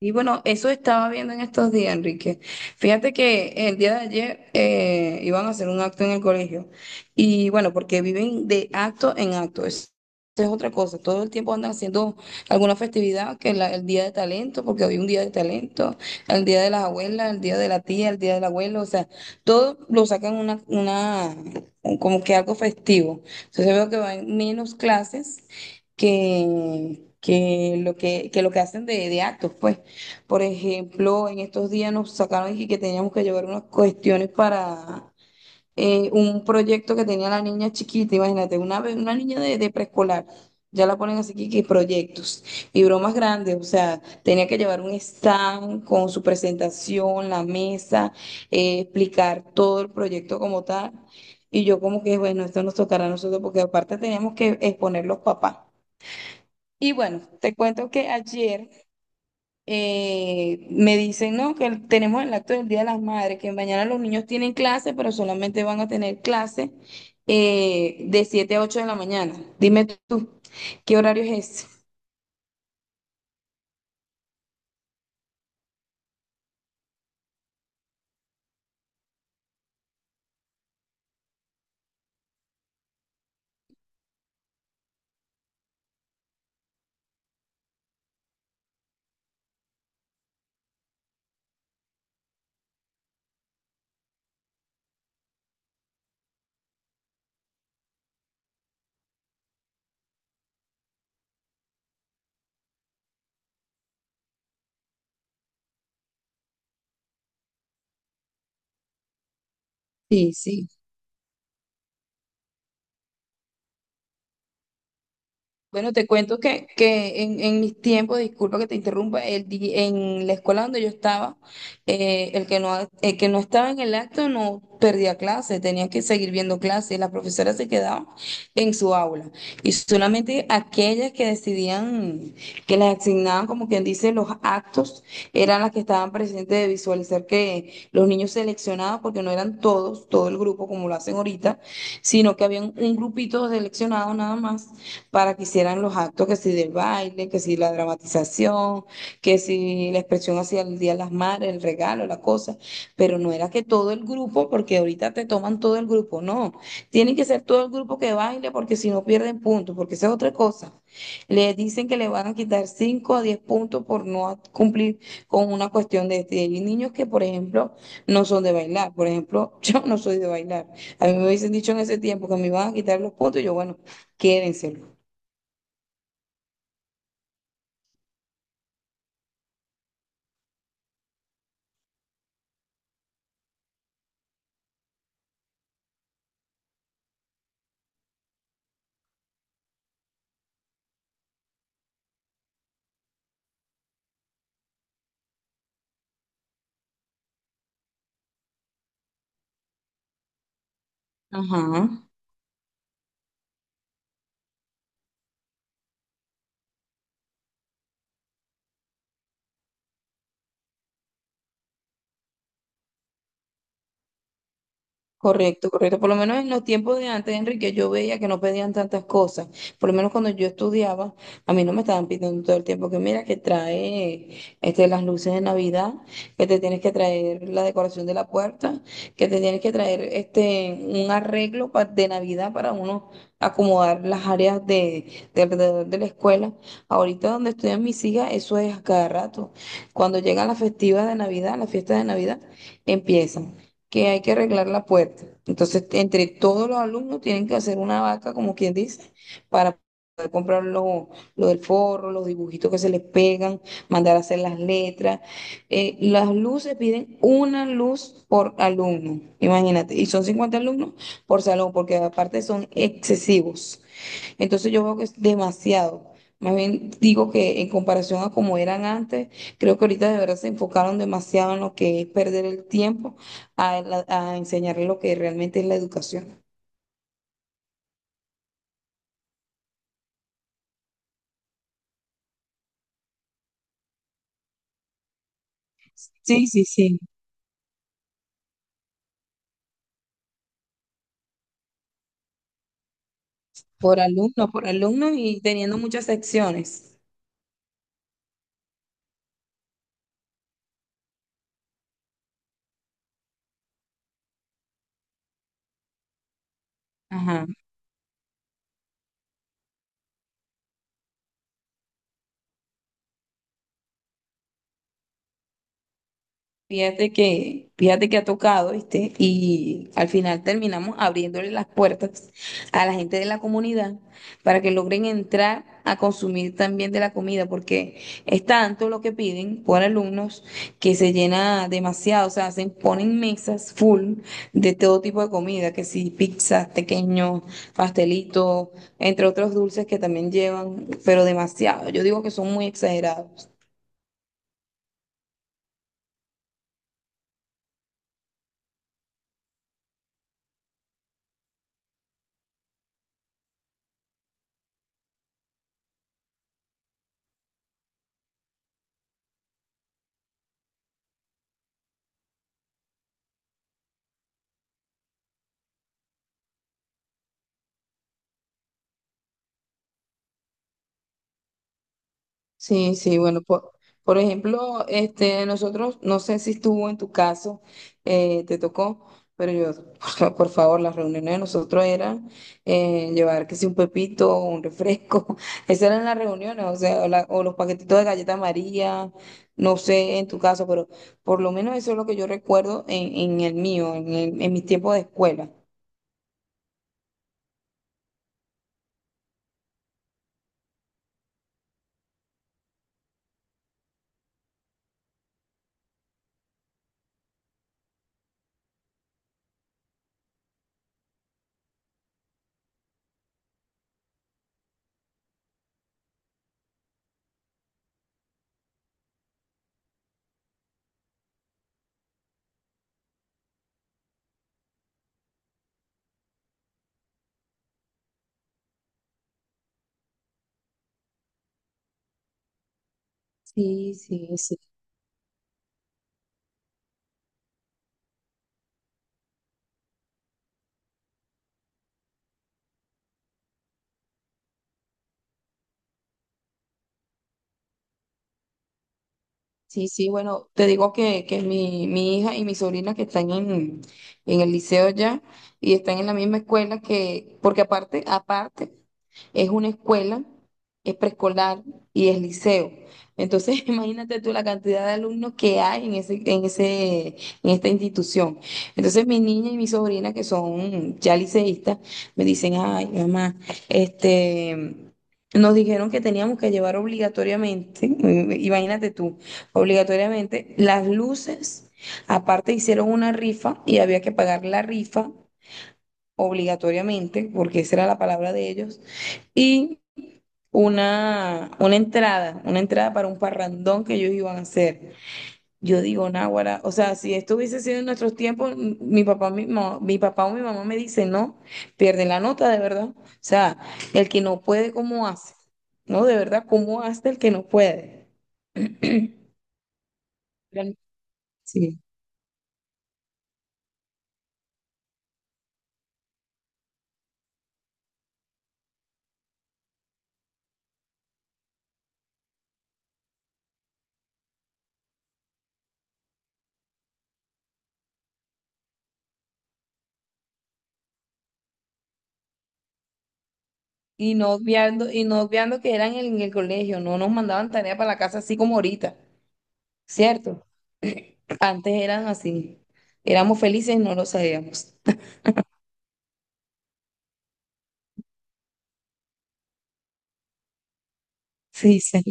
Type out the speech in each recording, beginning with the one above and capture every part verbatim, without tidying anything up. Y bueno, eso estaba viendo en estos días, Enrique. Fíjate que el día de ayer eh, iban a hacer un acto en el colegio. Y bueno, porque viven de acto en acto. Es- Esa es otra cosa. Todo el tiempo andan haciendo alguna festividad, que la- el día de talento, porque hoy un día de talento, el día de las abuelas, el día de la tía, el día del abuelo. O sea, todo lo sacan una, una, como que algo festivo. Entonces veo que van menos clases que, que lo que, que lo que hacen de, de actos, pues. Por ejemplo, en estos días nos sacaron y que teníamos que llevar unas cuestiones para eh, un proyecto que tenía la niña chiquita, imagínate, una, be- una niña de, de preescolar. Ya la ponen así que que proyectos y bromas grandes, o sea, tenía que llevar un stand con su presentación, la mesa, eh, explicar todo el proyecto como tal. Y yo como que, bueno, esto nos tocará a nosotros porque aparte teníamos que exponer los papás. Y bueno, te cuento que ayer eh, me dicen, no, que tenemos el acto del Día de las Madres, que mañana los niños tienen clase, pero solamente van a tener clase eh, de siete a ocho de la mañana. Dime tú, ¿qué horario es ese? Sí, sí. Bueno, te cuento que, que en en mis tiempos, disculpa que te interrumpa, el di- en la escuela donde yo estaba, eh, el que no, el que no estaba en el acto no perdía clase, tenía que seguir viendo clases, las profesoras se quedaban en su aula y solamente aquellas que decidían, que les asignaban, como quien dice, los actos, eran las que estaban presentes de visualizar que los niños seleccionados, porque no eran todos, todo el grupo como lo hacen ahorita, sino que habían un grupito seleccionado nada más para que hicieran los actos, que si del baile, que si la dramatización, que si la expresión hacia el Día de las Madres, el regalo, la cosa, pero no era que todo el grupo, porque ahorita te toman todo el grupo, no, tienen que ser todo el grupo que baile porque si no pierden puntos, porque esa es otra cosa. Le dicen que le van a quitar cinco a diez puntos por no cumplir con una cuestión de este. Hay niños que, por ejemplo, no son de bailar. Por ejemplo, yo no soy de bailar. A mí me hubiesen dicho en ese tiempo que me iban a quitar los puntos y yo, bueno, quédense. Ajá, correcto, correcto. Por lo menos en los tiempos de antes, Enrique, yo veía que no pedían tantas cosas. Por lo menos cuando yo estudiaba, a mí no me estaban pidiendo todo el tiempo que mira, que trae este, las luces de Navidad, que te tienes que traer la decoración de la puerta, que te tienes que traer este, un arreglo pa- de Navidad para uno acomodar las áreas de, de alrededor de la escuela. Ahorita donde estudian mis hijas, eso es a cada rato. Cuando llegan las festivas de Navidad, las fiestas de Navidad, empiezan. Que hay que arreglar la puerta. Entonces, entre todos los alumnos tienen que hacer una vaca, como quien dice, para poder comprar lo, lo del forro, los dibujitos que se les pegan, mandar a hacer las letras. Eh, las luces piden una luz por alumno, imagínate, y son cincuenta alumnos por salón, porque aparte son excesivos. Entonces yo veo que es demasiado. Más bien digo que en comparación a como eran antes, creo que ahorita de verdad se enfocaron demasiado en lo que es perder el tiempo a, la- a enseñarle lo que realmente es la educación. Sí, sí, sí. Por alumno, por alumno y teniendo muchas secciones. Ajá. Fíjate que, fíjate que ha tocado, ¿viste? Y al final terminamos abriéndole las puertas a la gente de la comunidad para que logren entrar a consumir también de la comida, porque es tanto lo que piden por alumnos que se llena demasiado, o sea, se ponen mesas full de todo tipo de comida, que si pizzas, pequeños, pastelitos, entre otros dulces que también llevan, pero demasiado. Yo digo que son muy exagerados. Sí, sí, bueno, por, por ejemplo, este, nosotros, no sé si estuvo en tu caso, eh, te tocó, pero yo, por, fa- por favor, las reuniones de nosotros eran eh, llevar, que si un pepito, un refresco, esas eran las reuniones, o sea, o, la- o los paquetitos de galleta María, no sé en tu caso, pero por lo menos eso es lo que yo recuerdo en en el mío, en, el- en mis tiempos de escuela. Sí, sí, sí. Sí, sí, bueno, te digo que, que mi, mi hija y mi sobrina que están en en el liceo ya y están en la misma escuela que, porque aparte, aparte, es una escuela, es preescolar y es liceo. Entonces, imagínate tú la cantidad de alumnos que hay en ese, en ese, en esta institución. Entonces, mi niña y mi sobrina que son ya liceístas me dicen, ay, mamá, este... Nos dijeron que teníamos que llevar obligatoriamente, imagínate tú obligatoriamente. Las luces, aparte hicieron una rifa y había que pagar la rifa obligatoriamente, porque esa era la palabra de ellos, y una, una entrada, una entrada para un parrandón que ellos iban a hacer. Yo digo, náguara, o sea, si esto hubiese sido en nuestros tiempos, m- mi papá, mi, ma- mi papá o mi mamá me dicen, no, pierden la nota, de verdad. O sea, el que no puede, ¿cómo hace? No, de verdad, ¿cómo hace el que no puede? Gran- Sí. Y no obviando, y no obviando que eran en el colegio, no nos mandaban tarea para la casa así como ahorita, ¿cierto? Antes eran así, éramos felices y no lo sabíamos. Sí, sí.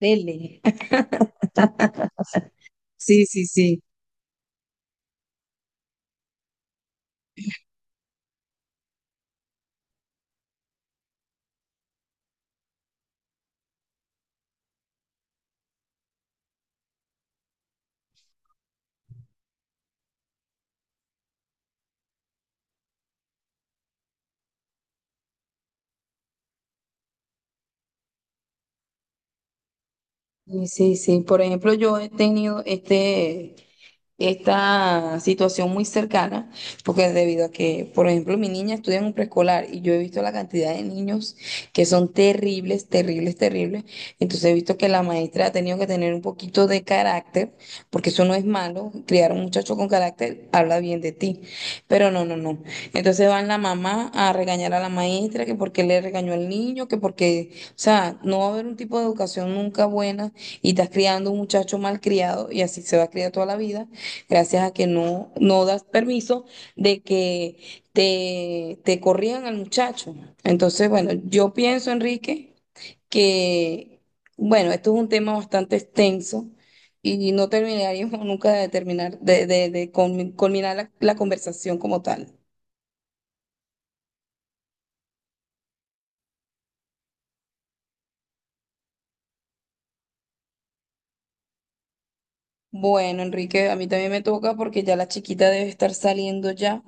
Dele. Sí, sí, sí. Sí, sí, sí. Por ejemplo, yo he tenido este, esta situación muy cercana, porque debido a que, por ejemplo, mi niña estudia en un preescolar y yo he visto la cantidad de niños que son terribles, terribles, terribles, entonces he visto que la maestra ha tenido que tener un poquito de carácter, porque eso no es malo, criar a un muchacho con carácter habla bien de ti, pero no, no, no. Entonces van la mamá a regañar a la maestra, que porque le regañó al niño, que porque, o sea, no va a haber un tipo de educación nunca buena y estás criando un muchacho mal criado y así se va a criar toda la vida gracias a que no, no das permiso de que te, te corrían al muchacho. Entonces, bueno, yo pienso, Enrique, que, bueno, esto es un tema bastante extenso y no terminaríamos nunca de terminar, de, de, de culmi- culminar la, la conversación como tal. Bueno, Enrique, a mí también me toca porque ya la chiquita debe estar saliendo ya.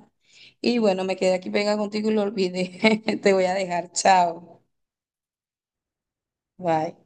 Y bueno, me quedé aquí pegada contigo y lo olvidé. Te voy a dejar. Chao. Bye.